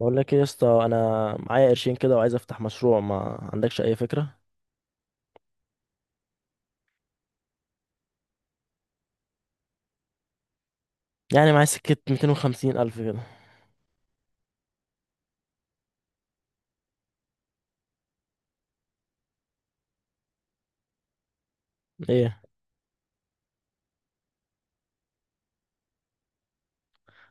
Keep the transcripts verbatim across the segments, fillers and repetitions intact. بقول لك ايه يا اسطى؟ انا معايا قرشين كده وعايز افتح مشروع. ما عندكش اي فكره؟ يعني معايا سكه مئتين وخمسين الف كده. ايه؟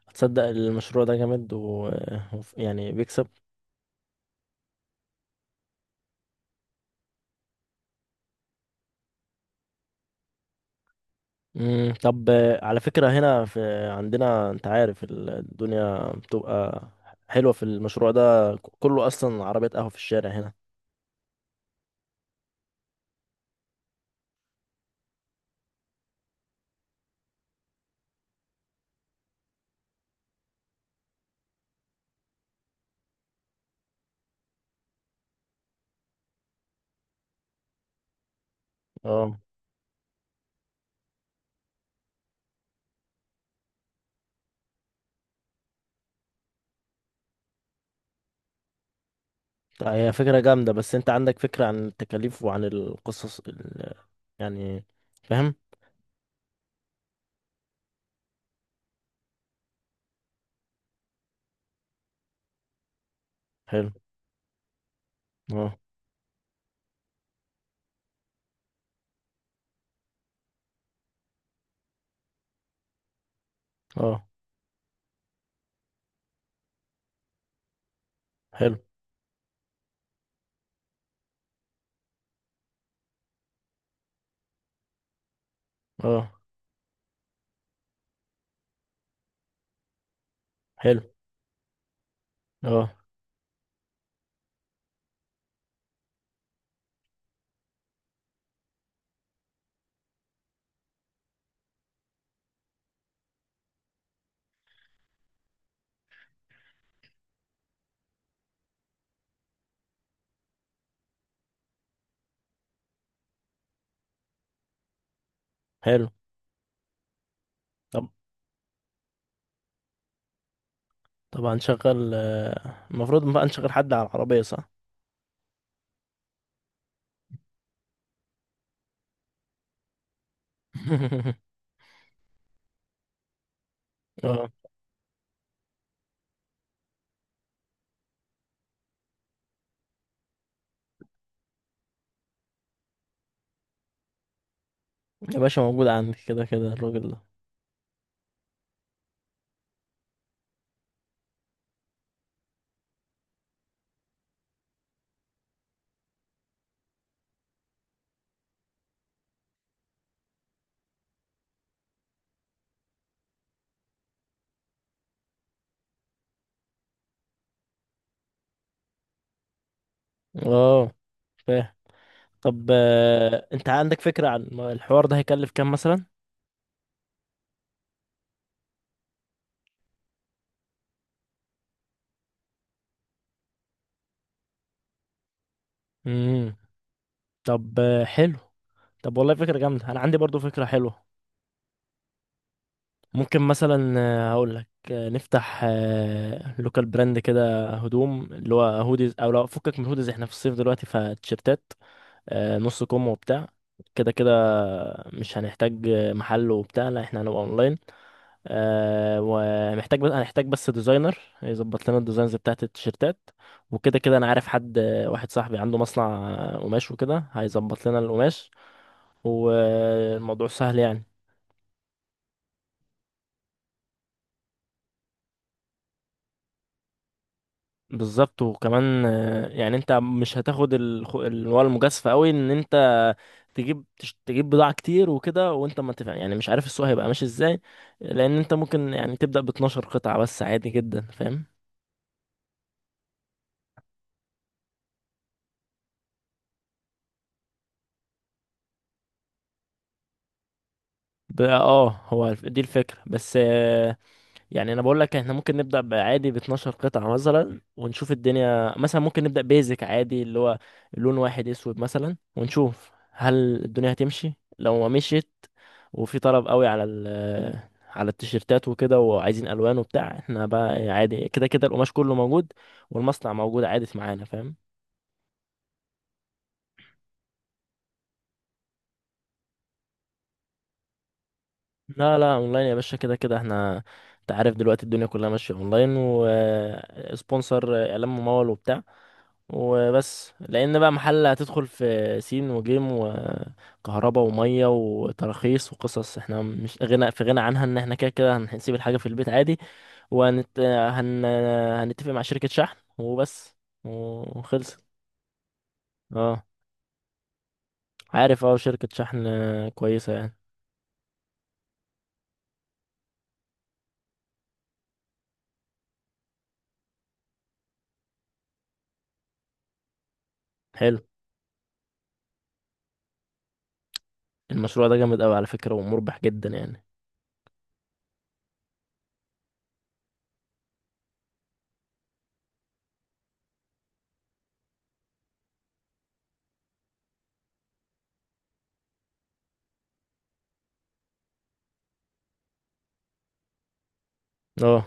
هتصدق المشروع ده جامد و... وف- يعني بيكسب. مم. طب آه، على فكره، هنا في عندنا انت عارف ال- الدنيا بتبقى حلوه في المشروع ده، ك- كله اصلا عربيات قهوه في الشارع هنا. اه. طيب، هي فكره جامده، بس انت عندك فكره عن التكاليف وعن القصص ال... يعني فاهم. حلو. اه. اه. حلو. اه. حلو. اه. حلو. طب طب هنشغل، آه، المفروض بقى نشغل حد على العربية، صح؟ اه، يا باشا موجود عندي كده كده الراجل ده. اه، فاهم. طب آه، انت عندك فكرة عن الحوار ده هيكلف كام مثلا؟ امم طب، آه، حلو. طب، والله فكرة جامدة. انا عندي برضو فكرة حلوة. ممكن مثلا، هقول لك نفتح آه، لوكال براند كده هدوم، اللي هو هوديز، او لو فكك من هوديز احنا في الصيف دلوقتي فتيشيرتات، آه، نص كم وبتاع كده كده. مش هنحتاج محل وبتاع، لا احنا هنبقى اونلاين، آه، ومحتاج، بس هنحتاج بس ديزاينر يظبط لنا الديزاينز بتاعت التيشيرتات، وكده كده انا عارف حد، واحد صاحبي عنده مصنع قماش وكده هيظبط لنا القماش، والموضوع سهل يعني. بالظبط. وكمان آه، يعني انت مش هتاخد الخ- اللي هو المجازفه قوي، ان انت تجيب تش- تجيب بضاعه كتير وكده وانت ما تفهم، يعني مش عارف السوق هيبقى ماشي ازاي، لان انت ممكن يعني تبدا ب اثنا عشر قطعه بس عادي جدا، فاهم. ب- اه، هو الف- دي الفكره بس. يعني انا بقول لك احنا ممكن نبدا بعادي ب اتناشر قطعه مثلا، ونشوف الدنيا. مثلا ممكن نبدا بيزك عادي، اللي هو لون واحد اسود مثلا، ونشوف هل الدنيا هتمشي. لو ما مشيت وفي طلب قوي على ال على التيشيرتات وكده، وعايزين الوان وبتاع، احنا بقى عادي كده كده القماش كله موجود والمصنع موجود عادي معانا، فاهم. لا لا، اونلاين يا باشا. كده كده احنا انت عارف دلوقتي الدنيا كلها ماشيه اونلاين، وسبونسر اعلام ممول وبتاع، وبس. لان بقى محل هتدخل في سين وجيم وكهرباء وميه وتراخيص وقصص احنا مش غنى في غنى عنها، ان احنا كده كده هنسيب الحاجه في البيت عادي، وهنت هن... هنتفق مع شركه شحن وبس. وخلصت. اه، عارف اه شركه شحن كويسه يعني. حلو. المشروع ده جامد قوي على فكره، ومربح جدا يعني. اه.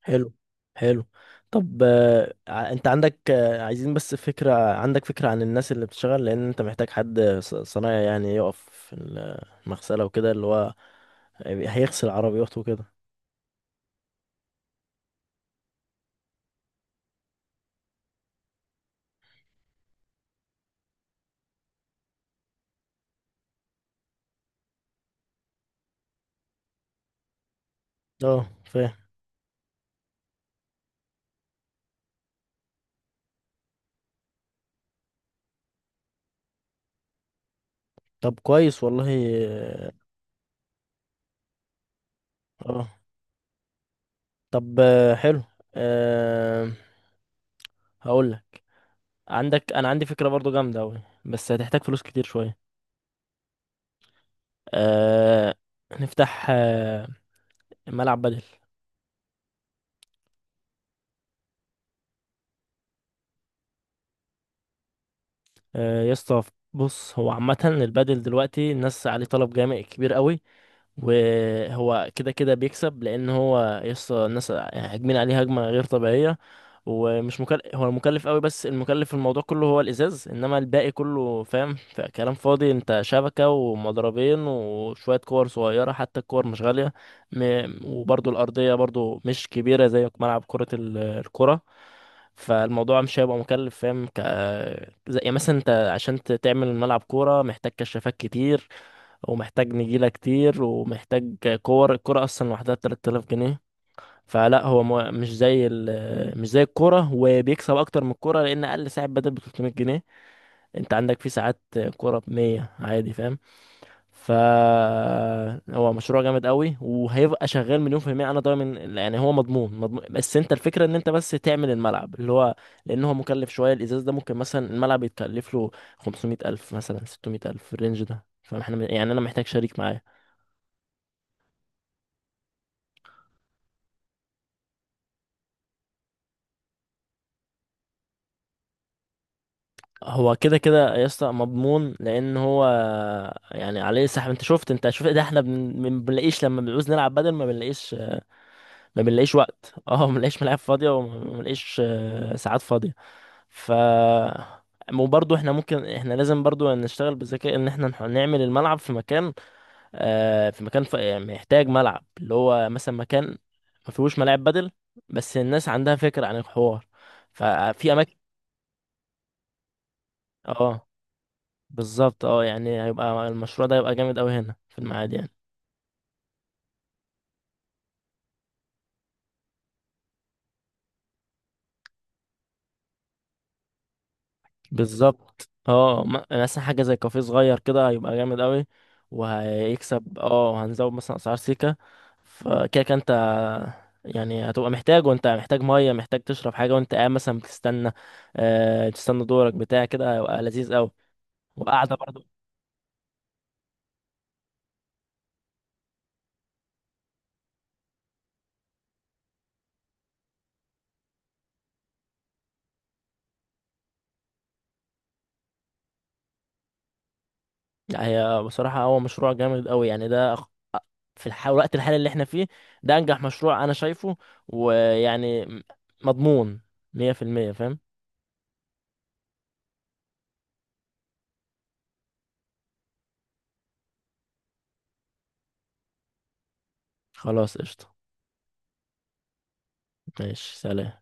حلو. حلو. طب آه، ع- انت عندك، آه، عايزين بس فكرة، عندك فكرة عن الناس اللي بتشتغل؟ لان انت محتاج حد ص- صنايعي يعني يقف في المغسلة وكده، اللي هو هيغسل عربيات وكده. اه، فاهم. طب كويس والله. اه. آه. طب آه، حلو. أه، هقول لك، عندك، انا عندي فكرة برضو جامدة اوي بس هتحتاج فلوس كتير شوية. أه، نفتح آه، ملعب بدل. آه، يا اسطى بص، هو عامة البادل دلوقتي الناس عليه طلب جامد كبير قوي، وهو كده كده بيكسب. لأن هو يا اسطى الناس هاجمين عليه هجمة غير طبيعية، ومش مكلف. هو مكلف قوي بس المكلف في الموضوع كله هو الإزاز، إنما الباقي كله فاهم كلام فاضي، أنت شبكة ومضربين وشوية كور صغيرة، حتى الكور مش غالية. م... وبرضو الأرضية برضو مش كبيرة زي ملعب كرة ال- الكرة، فالموضوع مش هيبقى مكلف، فاهم. ك زي يعني مثلا انت عشان ت- تعمل ملعب كورة محتاج كشافات كتير، ومحتاج نجيلة كتير، ومحتاج كور، الكورة أصلا لوحدها تلات تلاف جنيه. فلا هو مو... مش زي ال... مش زي الكورة، وبيكسب أكتر من الكورة، لأن أقل ساعة بدل ب تلتمية جنيه. أنت عندك في ساعات كورة ب مية عادي، فاهم. فهو مشروع جامد قوي، وهيبقى شغال مليون في المية، انا ضامن يعني. هو مضمون مضمون، بس انت الفكرة ان انت بس تعمل الملعب اللي هو، لان هو مكلف شوية الازاز ده. ممكن مثلا الملعب يتكلف له خمسمائة الف، مثلا ستمائة الف الرينج ده، فاحنا يعني انا محتاج شريك معايا. هو كده كده يا اسطى مضمون، لان هو يعني عليه سحب. انت شفت، انت شفت ده احنا بن- ما بنلاقيش لما بنعوز نلعب بدل، ما بنلاقيش. ما بنلاقيش وقت، اه، ما بنلاقيش ملاعب فاضية، وما بنلاقيش آه، ساعات فاضية. ف، وبرضه احنا ممكن، احنا لازم برضه نشتغل بذكاء، ان احنا نح- نعمل الملعب في مكان، آه، في مكان، ف... يعني محتاج ملعب اللي هو مثلا مكان ما فيهوش ملاعب بدل، بس الناس عندها فكرة عن الحوار. ففي اماكن. اه، بالظبط، اه. يعني هيبقى المشروع ده هيبقى جامد قوي هنا في المعادي يعني. بالظبط، اه. م- مثلا حاجه زي كافيه صغير كده هيبقى جامد قوي، وهيكسب. اه، هنزود مثلا اسعار سيكا. فكده كده انت يعني هتبقى محتاج، وانت محتاج ميه، محتاج تشرب حاجه وانت قاعد مثلا بتستنى، آه، تستنى دورك بتاع كده، هيبقى لذيذ قوي. وقاعده برضو. لا، هي بصراحه هو مشروع جامد قوي يعني. ده أخ- في الح- الوقت الحالي اللي احنا فيه، ده انجح مشروع انا شايفه، ويعني م- مضمون مية في المية، فاهم. خلاص، قشطه. ماشي، سلام.